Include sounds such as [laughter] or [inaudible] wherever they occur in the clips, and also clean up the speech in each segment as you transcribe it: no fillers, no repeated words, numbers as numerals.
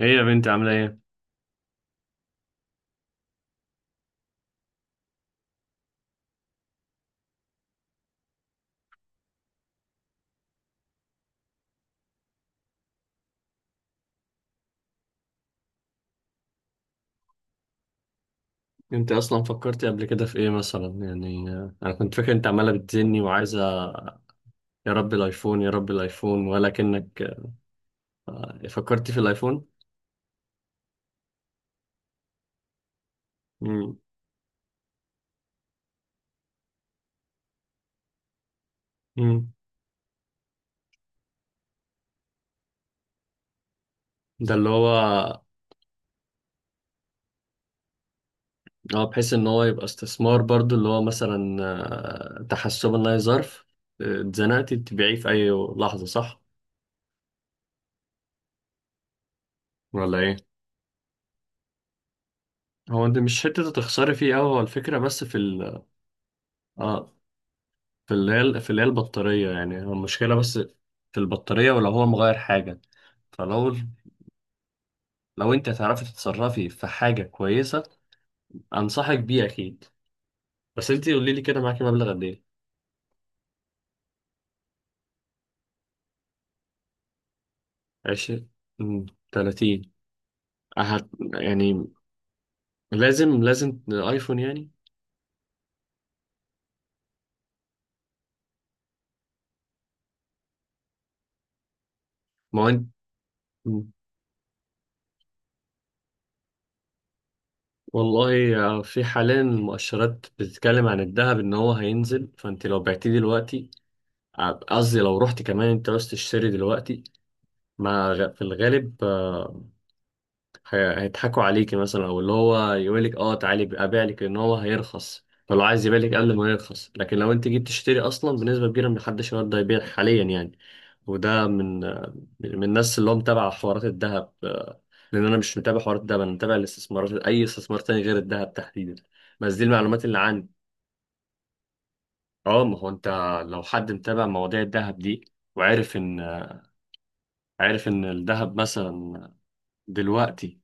ايه يا بنتي عاملة ايه؟ انت اصلا فكرتي قبل كده في ايه مثلا يعني انا كنت فاكر انت عمالة بتزني وعايزة يا رب الايفون، يا رب الايفون، ولكنك فكرتي في الايفون؟ مم. مم. ده اللي هو، اه بحيث ان هو يبقى استثمار برضو اللي هو مثلا تحسبا لا ظرف، اتزنقتي تبيعيه في اي لحظة، صح؟ ولا ايه؟ هو انت مش حتة تخسري فيه اوي، هو الفكرة بس في ال، اه في اللي هي البطارية، يعني هو المشكلة بس في البطارية، ولو هو مغير حاجة، فلو انت هتعرفي تتصرفي في حاجة كويسة انصحك بيه اكيد. بس انت قولي لي كده، معاكي مبلغ قد ايه؟ عشرين، تلاتين؟ يعني لازم ايفون يعني؟ ما هو انت. مم. والله في حاليا المؤشرات بتتكلم عن الذهب ان هو هينزل، فانت لو بعتيه دلوقتي، قصدي لو رحت كمان انت عاوز تشتري دلوقتي، ما غ- في الغالب هيضحكوا عليكي، مثلا، او اللي هو يقولك اه تعالي ابيع لك ان هو هيرخص، فلو عايز يبيع لك قبل ما يرخص، لكن لو انت جيت تشتري اصلا، بنسبه كبيره محدش يقدر يبيع حاليا يعني. وده من الناس اللي هو متابع حوارات الذهب لان انا مش متابع حوارات الذهب، انا متابع الاستثمارات، اي استثمار تاني غير الذهب تحديدا، بس دي المعلومات اللي عندي. اه، ما هو انت لو حد متابع مواضيع الذهب دي، وعارف ان عارف ان الذهب مثلا دلوقتي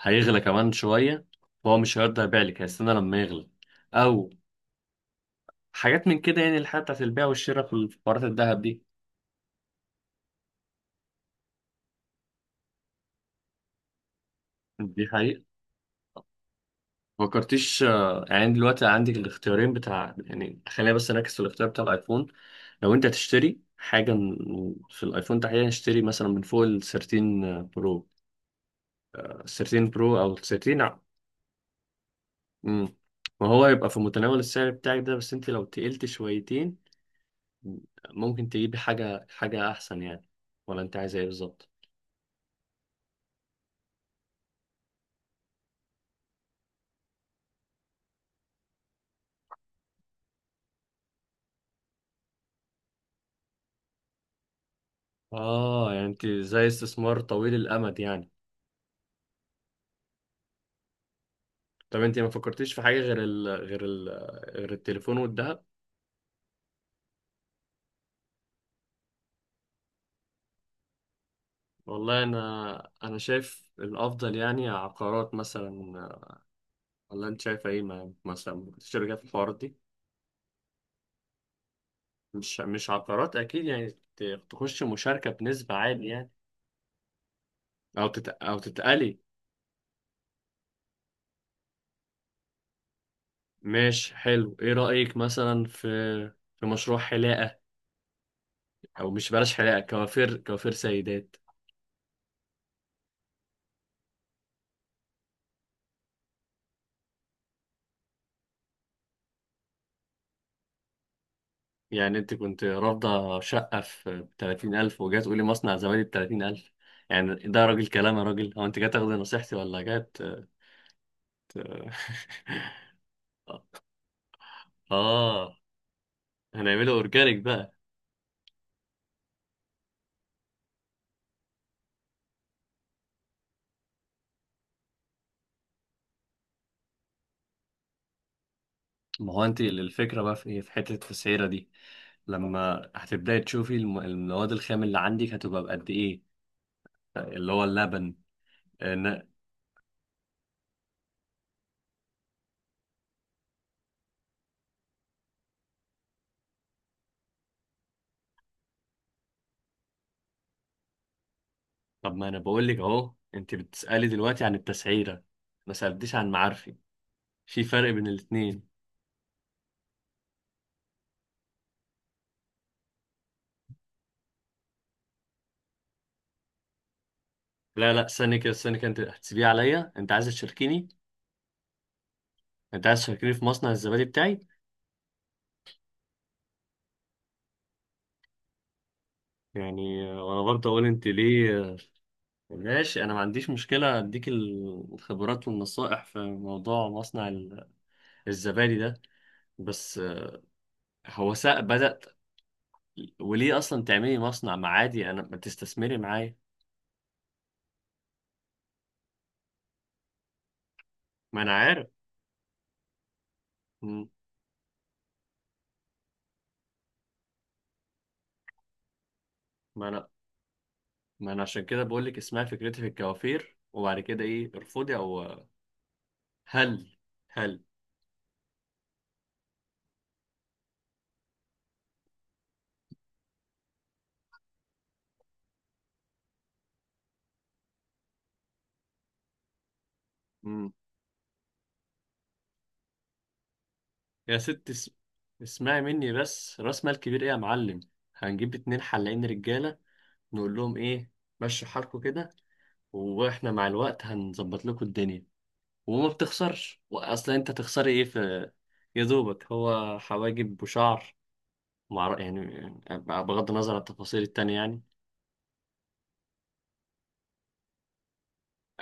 هيغلى كمان شوية، فهو مش هيرضى يبيع لك، هيستنى لما يغلى، أو حاجات من كده يعني، الحاجات بتاعت البيع والشراء في الحوارات الذهب دي. دي حقيقة. فكرتيش يعني دلوقتي عندك الاختيارين بتاع، يعني خلينا بس نركز في الاختيار بتاع الأيفون. لو أنت تشتري حاجة في الأيفون تحديدا، اشتري مثلا من فوق ال 13 برو، ال 13 برو أو مم. وهو يبقى في متناول السعر بتاعك ده، بس أنت لو تقلت شويتين ممكن تجيبي حاجة أحسن يعني. ولا أنت عايزة إيه بالظبط؟ آه يعني أنت زي استثمار طويل الأمد يعني. طب أنت ما فكرتيش في حاجة غير التليفون والذهب؟ والله أنا شايف الأفضل يعني عقارات مثلا، ولا أنت شايفة إيه؟ مثلا ممكن تشتركي في الحوارات دي؟ مش عقارات أكيد يعني، تخش مشاركة بنسبة عالية يعني، أو تتقلي. ماشي، حلو. إيه رأيك مثلا في مشروع حلاقة؟ او مش، بلاش حلاقه، كوافير، كوافير سيدات. يعني انت كنت رافضه شقه في 30,000 وجاي تقولي مصنع زبادي ب 30,000؟ يعني ده راجل كلام يا راجل، هو انت جاي تاخدي نصيحتي ولا جاي ت- [laughs] اه، هنعمله اورجانيك بقى. ما هو انت الفكره بقى في ايه، في حته التسعيره دي، لما هتبداي تشوفي المواد الخام اللي عندك هتبقى بقد ايه، اللي هو اللبن. إن- طب ما انا بقول لك اهو، انت بتسالي دلوقتي عن التسعيره، ما سالتيش عن معارفي، في فرق بين الاتنين. لا لا، استني كده، استني كده، انت هتسيبيه عليا؟ انت عايز تشاركيني؟ انت عايز تشاركيني في مصنع الزبادي بتاعي؟ يعني وانا برضه اقول انت ليه ماشي. انا ما عنديش مشكله اديك الخبرات والنصائح في موضوع مصنع الزبادي ده، بس هو سا بدأت، وليه اصلا تعملي مصنع، ما عادي انا، ما تستثمري معايا. ما انا عارف. مم. ما انا، عشان كده بقول لك اسمها، فكرتي في الكوافير وبعد كده ايه، ارفضي او هل هل يا ست اسمعي مني بس، راس مال كبير ايه يا معلم، هنجيب اتنين حلاقين رجاله، نقول لهم ايه، مشوا حالكوا كده، واحنا مع الوقت هنظبط لكم الدنيا، وما بتخسرش، واصلا انت تخسري ايه في، يا دوبك هو حواجب وشعر، مع يعني بغض النظر عن التفاصيل التانية يعني.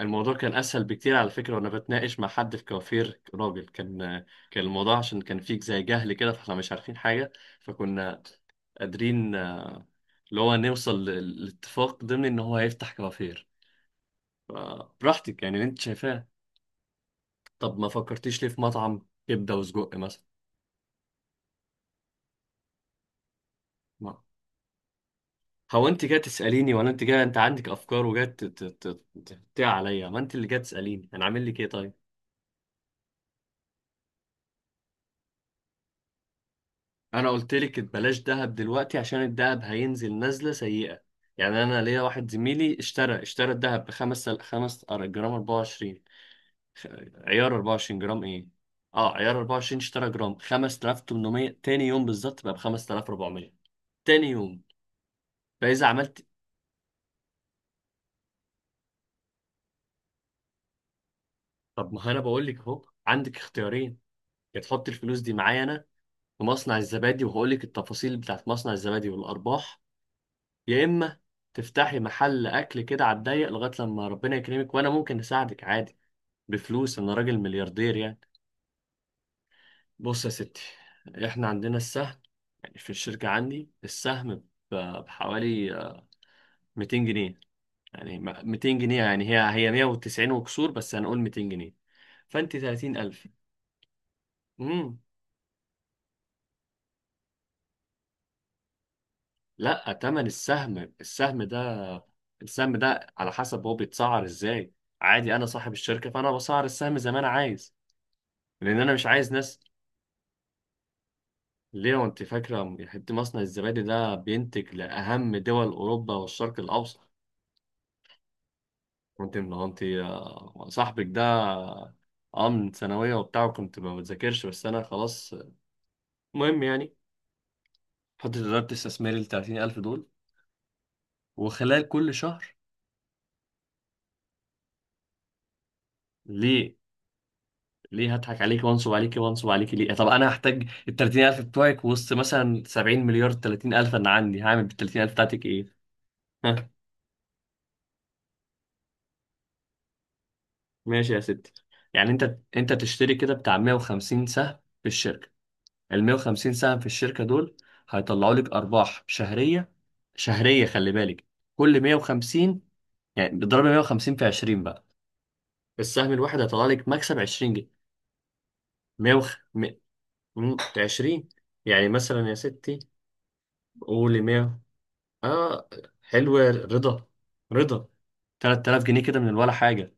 الموضوع كان اسهل بكتير على فكره، وانا بتناقش مع حد في كوافير راجل، كان كان الموضوع عشان كان فيك زي جهل كده، فاحنا مش عارفين حاجه، فكنا قادرين اللي هو نوصل لاتفاق ضمن ان هو هيفتح كوافير. فبراحتك يعني، اللي انت شايفاه. طب ما فكرتيش ليه في مطعم كبده وسجق مثلا؟ ما- هو انت جاي تساليني ولا انت جاي، انت عندك افكار وجاي تقطع عليا؟ ما انت اللي جاي تساليني، انا عامل لك ايه طيب؟ انا قلت لك بلاش دهب دلوقتي عشان الدهب هينزل نزله سيئه، يعني انا ليا واحد زميلي اشترى الدهب بخمس، جرام 24، خ- عيار 24 جرام ايه، اه عيار 24 اشترى جرام 5800، تاني يوم بالظبط بقى ب 5400، تاني يوم. فاذا عملت، طب ما انا بقول لك اهو، عندك اختيارين، يا تحط الفلوس دي معايا انا في مصنع الزبادي، وهقول لك التفاصيل بتاعت مصنع الزبادي والارباح، يا اما تفتحي محل اكل كده على الضيق لغايه لما ربنا يكرمك، وانا ممكن اساعدك عادي بفلوس، انا راجل ملياردير يعني. بص يا ستي، احنا عندنا السهم، يعني في الشركه عندي السهم ب- بحوالي 200 جنيه، يعني 200 جنيه، يعني هي 190 وكسور، بس هنقول 200 جنيه. فانت 30,000. امم. لا، تمن السهم، السهم ده على حسب هو بيتسعر ازاي، عادي انا صاحب الشركه، فانا بسعر السهم زي ما انا عايز، لان انا مش عايز ناس. ليه وانت فاكرة حتة مصنع الزبادي ده بينتج لأهم دول أوروبا والشرق الأوسط؟ وانت من انت، صاحبك ده اه من ثانوية وبتاع، كنت ما بذاكرش، بس أنا خلاص، المهم يعني، حطيت إدارة استثماري التلاتين ألف دول، وخلال كل شهر، ليه ليه هضحك عليكي وانصب عليكي ليه؟ طب أنا هحتاج التلاتين ألف بتوعك وسط مثلا سبعين مليار؟ تلاتين ألف أنا عندي هعمل بالتلاتين ألف بتاعتك إيه؟ [laughs] ماشي يا ستي، يعني انت تشتري كده بتاع 150 سهم في الشركه، ال 150 سهم في الشركه دول هيطلعوا لك ارباح شهريه، شهريه خلي بالك، كل 150، يعني بتضرب 150 في 20 بقى، السهم الواحد هيطلع لك مكسب 20 جنيه. 100 وخ... م... م- 20، يعني مثلا يا ستي قولي 100، اه، حلو يا رضا، رضا، 3000 جنيه كده من ولا حاجه،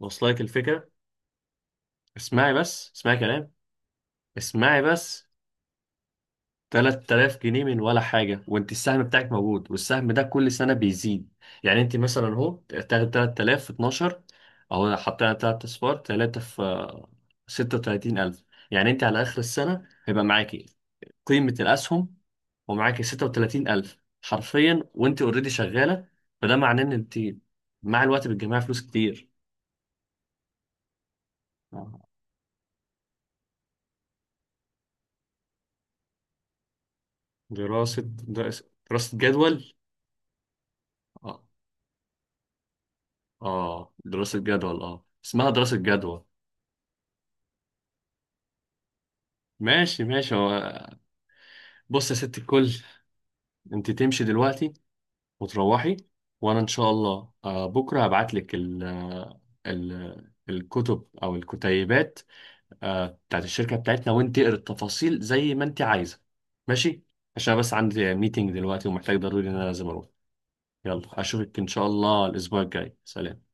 واصله لك الفكره؟ اسمعي بس، اسمعي كلام، اسمعي بس، 3000 جنيه من ولا حاجة، وانت السهم بتاعك موجود، والسهم ده كل سنة بيزيد، يعني انت مثلا اهو، تاخد 3000 في 12، اهو حطينا 3 اصفار، 3 في 36,000، يعني انت على اخر السنة هيبقى معاكي قيمة الاسهم، ومعاكي 36,000 حرفيا وانت اوريدي شغالة. فده معناه ان انت مع الوقت بتجمعي فلوس كتير. آه. دراسة، دراسة، دراسة جدول؟ اه، اه، دراسة جدول، اه اسمها دراسة جدول؟ ماشي، ماشي. هو بص يا ست الكل، انت تمشي دلوقتي وتروحي، وانا ان شاء الله بكره هبعت لك ال الكتب او الكتيبات بتاعت الشركه بتاعتنا، وانت اقري التفاصيل زي ما انت عايزه، ماشي؟ عشان بس عندي ميتنج دلوقتي ومحتاج ضروري ان انا لازم اروح. يلا اشوفك ان شاء الله الاسبوع الجاي، سلام.